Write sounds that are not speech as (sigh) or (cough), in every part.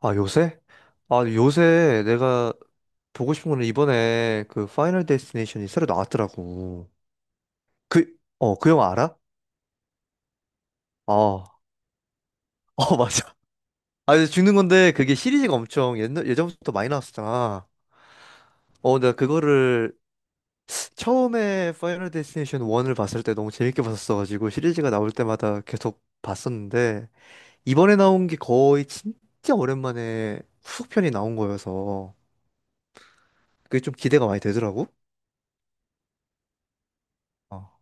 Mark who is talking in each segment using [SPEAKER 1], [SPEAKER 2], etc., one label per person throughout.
[SPEAKER 1] 아, 요새? 아, 요새 내가 보고 싶은 거는 이번에 그 파이널 데스티네이션이 새로 나왔더라고. 그, 어, 그 영화 알아? 어, 어, (laughs) 맞아. 아, 이제 죽는 건데 그게 시리즈가 엄청 옛날, 예전부터 많이 나왔었잖아. 어, 내가 그거를 처음에 파이널 데스티네이션 1을 봤을 때 너무 재밌게 봤었어가지고 시리즈가 나올 때마다 계속 봤었는데 이번에 나온 게 거의 진짜 오랜만에 후속편이 나온 거여서 그게 좀 기대가 많이 되더라고. 어.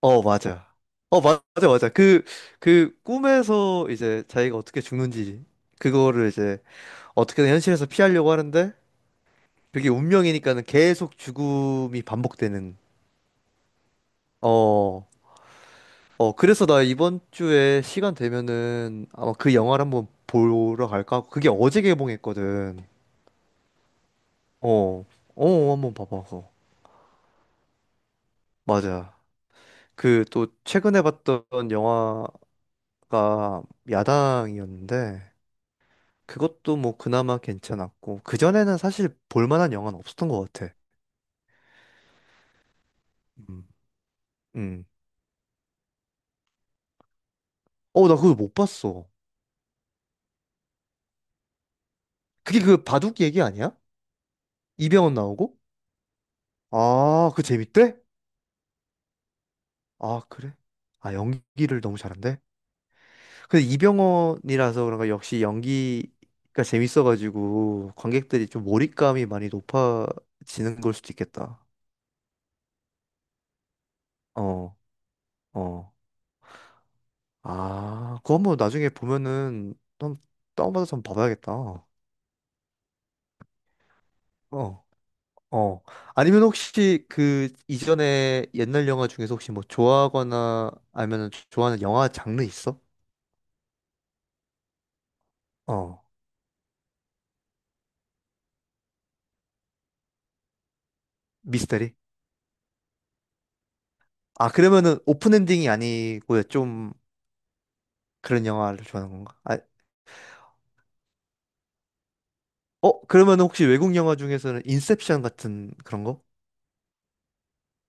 [SPEAKER 1] 어, 맞아. 어, 맞아, 맞아. 그 꿈에서 이제 자기가 어떻게 죽는지, 그거를 이제 어떻게든 현실에서 피하려고 하는데, 그게 운명이니까는 계속 죽음이 반복되는. 어, 어, 그래서 나 이번 주에 시간 되면은 아마 그 영화를 한번 보러 갈까 하고, 그게 어제 개봉했거든. 어, 어, 한번 봐봐. 그거. 맞아. 그 또 최근에 봤던 영화가 야당이었는데, 그것도 뭐 그나마 괜찮았고 그전에는 사실 볼 만한 영화는 없었던 것 같아. 음. 음. 어, 나 그거 못 봤어. 그게 그 바둑 얘기 아니야? 이병헌 나오고? 아, 그 재밌대? 아, 그래? 아, 연기를 너무 잘한대? 근데 이병헌이라서 그런가 역시 연기가 재밌어가지고 관객들이 좀 몰입감이 많이 높아지는 걸 수도 있겠다. 어, 어. 아, 그거 한번 나중에 보면은 한번 다운받아서 한번 봐봐야겠다. 어. 어. 아니면 혹시 그 이전에 옛날 영화 중에서 혹시 뭐 좋아하거나 아니면 좋아하는 영화 장르 있어? 어. 미스터리? 아, 그러면은 오픈 엔딩이 아니고 좀 그런 영화를 좋아하는 건가? 아, 어, 그러면 혹시 외국 영화 중에서는 인셉션 같은 그런 거?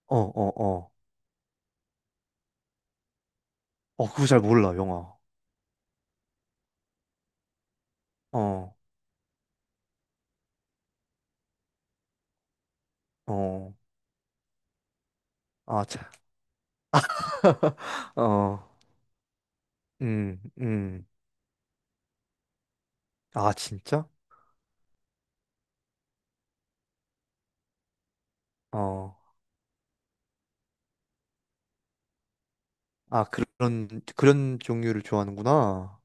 [SPEAKER 1] 어, 어, 어. 어, 그거 잘 몰라, 영화. 어, 어. 아, 참. (laughs) 어, 음, 음. 아, 진짜? 어. 아, 그런, 그런 종류를 좋아하는구나.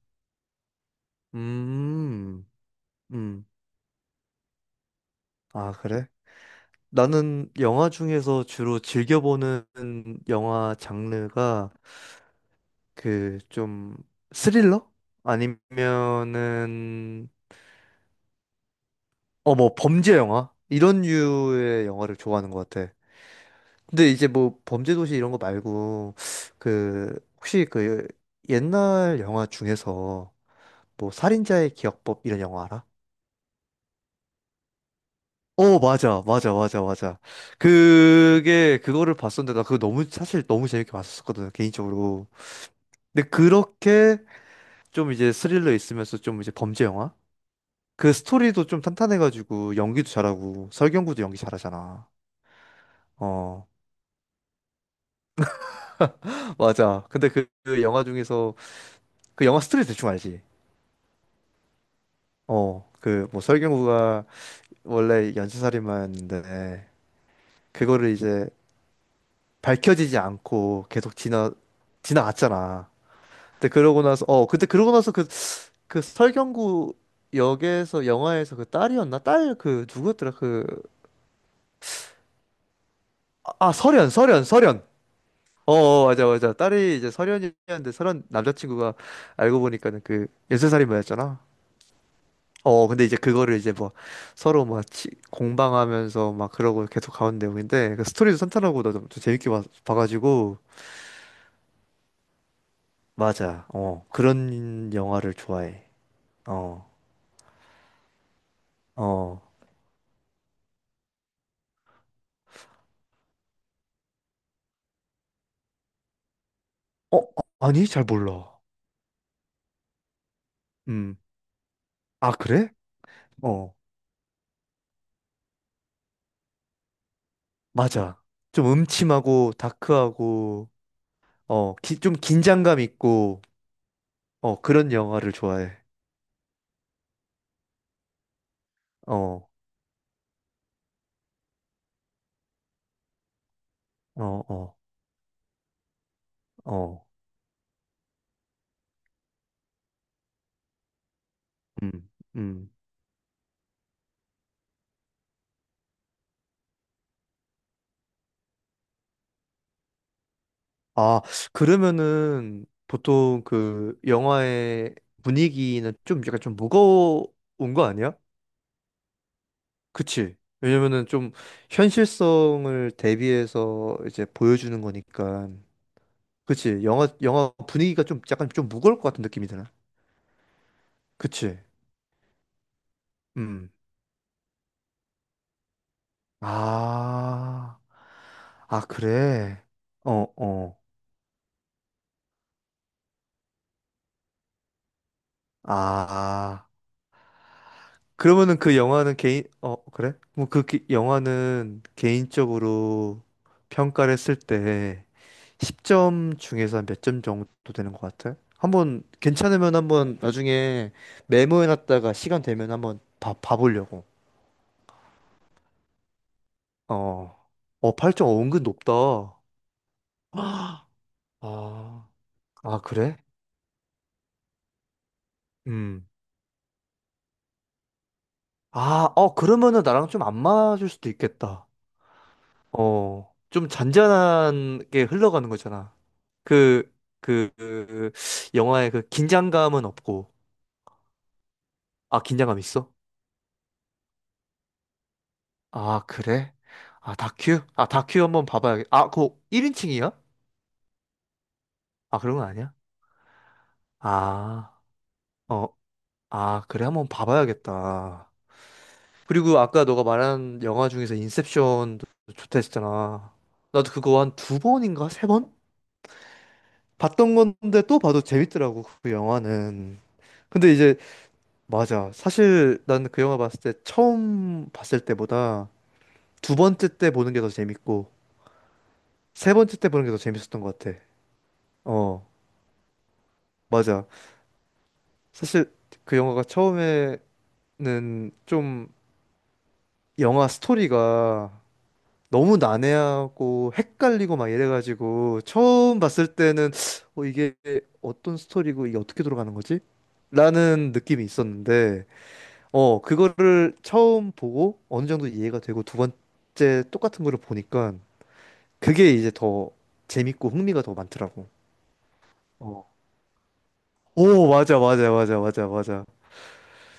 [SPEAKER 1] 음, 음. 아, 그래? 나는 영화 중에서 주로 즐겨보는 영화 장르가 그 좀 스릴러? 아니면은 어, 뭐 범죄 영화? 이런 류의 영화를 좋아하는 것 같아. 근데 이제 뭐 범죄도시 이런 거 말고 그 혹시 그 옛날 영화 중에서 뭐 살인자의 기억법 이런 영화 알아? 어, 맞아, 맞아, 맞아, 맞아. 그게, 그거를 봤었는데, 나 그거 너무, 사실 너무 재밌게 봤었거든, 개인적으로. 근데 그렇게 좀 이제 스릴러 있으면서 좀 이제 범죄 영화? 그 스토리도 좀 탄탄해가지고, 연기도 잘하고, 설경구도 연기 잘하잖아. 어, (laughs) 맞아. 근데 그 영화 중에서, 그 영화 스토리 대충 알지? 어, 그, 뭐, 설경구가 원래 연쇄살인마였는데, 그거를 이제 밝혀지지 않고 계속 지나갔잖아. 그때 그러고 나서 그 설경구 역에서 영화에서 그 딸이었나 딸 그 누구였더라 그아 설현. 어 어, 맞아 맞아 딸이 이제 설현이었는데 설현 남자친구가 알고 보니까는 그 연쇄살인마였잖아 어 근데 이제 그거를 이제 뭐 서로 막 공방하면서 막 그러고 계속 가는 내용인데 그 스토리도 탄탄하고 나도 좀 재밌게 봐가지고 맞아 어 그런 영화를 좋아해 어 어. 어, 아니, 잘 몰라. 음. 아, 그래? 어, 맞아. 좀 음침하고 다크하고 어, 좀 긴장감 있고 어, 그런 영화를 좋아해. 어, 어, 어, 어. 음. 음. 아, 그러면은 보통 그 영화의 분위기는 좀 약간 좀 무거운 거 아니야? 그치? 왜냐면은 좀 현실성을 대비해서 이제 보여주는 거니까. 그치? 영화 분위기가 좀 약간 좀 무거울 것 같은 느낌이 드나? 그치? 음. 아, 아, 그래? 어, 어. 아, 그러면은 그 영화는 개인, 어, 그래? 뭐 그 영화는 개인적으로 평가를 했을 때 10점 중에서 몇 점 정도 되는 것 같아? 한번 괜찮으면 한번 나중에 메모해놨다가 시간 되면 한번 봐보려고. 어, 어, 8점 어, 은근 높다. (gasps) 아, 아, 그래? 음. 아, 어, 그러면은 나랑 좀 안 맞을 수도 있겠다. 어, 좀 잔잔하게 흘러가는 거잖아. 그, 그 영화의 그 긴장감은 없고. 아, 긴장감 있어? 아, 그래? 아, 다큐? 아, 다큐 한번 봐봐야겠. 아, 그거 1인칭이야? 아, 그런 거 아니야? 아, 어, 아, 그래? 한번 봐봐야겠다. 그리고 아까 너가 말한 영화 중에서 인셉션도 좋다 했잖아. 나도 그거 한 두 번인가 세 번? 봤던 건데 또 봐도 재밌더라고, 그 영화는. 근데 이제 맞아. 사실 난 그 영화 봤을 때 처음 봤을 때보다 두 번째 때 보는 게 더 재밌고 세 번째 때 보는 게 더 재밌었던 것 같아. 어, 맞아. 사실 그 영화가 처음에는 좀 영화 스토리가 너무 난해하고 헷갈리고 막 이래가지고 처음 봤을 때는 어, 이게 어떤 스토리고 이게 어떻게 돌아가는 거지? 라는 느낌이 있었는데 어, 그거를 처음 보고 어느 정도 이해가 되고 두 번째 똑같은 거를 보니까 그게 이제 더 재밌고 흥미가 더 많더라고. 오, 맞아, 맞아, 맞아, 맞아, 맞아.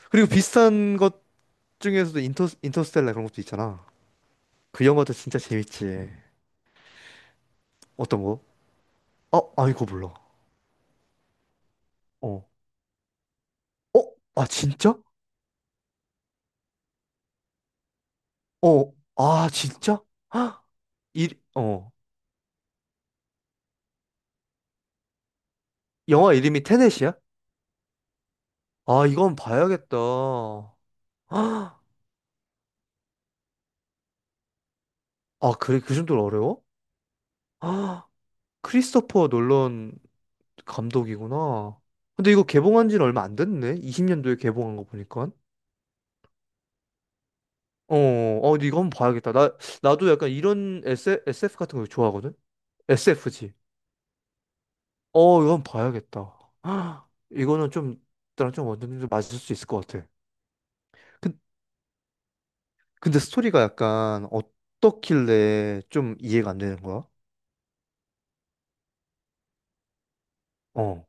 [SPEAKER 1] 그리고 비슷한 것 중에서도 인터스텔라 그런 것도 있잖아. 그 영화도 진짜 재밌지. 어떤 거? 어, 아, 이거 몰라. 어. 어? 아, 진짜? 어. 아, 진짜? 헉! 일, 어. 영화 이름이 테넷이야? 아, 이건 봐야겠다. 헉! 아, 그래, 그 정도로 어려워? 헉! 크리스토퍼 놀런 감독이구나. 근데 이거 개봉한 지는 얼마 안 됐네? 20년도에 개봉한 거 보니까. 어, 어, 근데 이거 한번 봐야겠다. 나도 약간 이런 SF, SF 같은 거 좋아하거든? SF지. 어, 이건 봐야겠다. (gasps) 헉, 이거는 좀, 나랑 좀 완전히 좀 맞을 수 있을 것 같아. 근- 근데 스토리가 약간 어떻길래 좀 이해가 안 되는 거야? 어,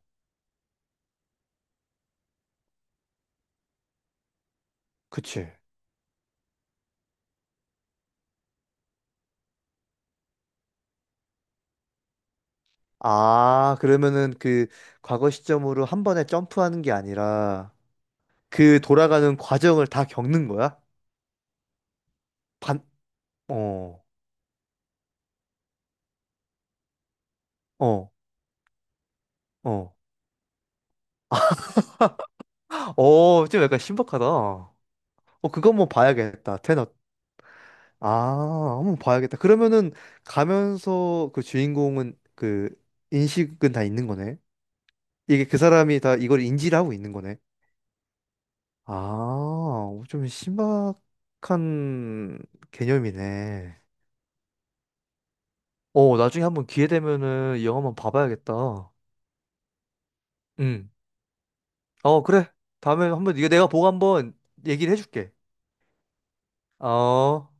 [SPEAKER 1] 그치. 아, 그러면은 그 과거 시점으로 한 번에 점프하는 게 아니라 그 돌아가는 과정을 다 겪는 거야? 반, 어, 어, 어. 어, 좀 약간 신박하다. 어, 그거 한번 봐야겠다. 테너. 아, 한번 봐야겠다. 그러면은 가면서 그 주인공은 그 인식은 다 있는 거네? 이게 그 사람이 다 이걸 인지를 하고 있는 거네? 아, 어, 좀 신박한 개념이네. 어, 나중에 한번 기회 되면은 이 영화 한번 봐봐야겠다. 응. 어, 그래. 다음에 한번 이거 내가 보고 한번 얘기를 해줄게. 어.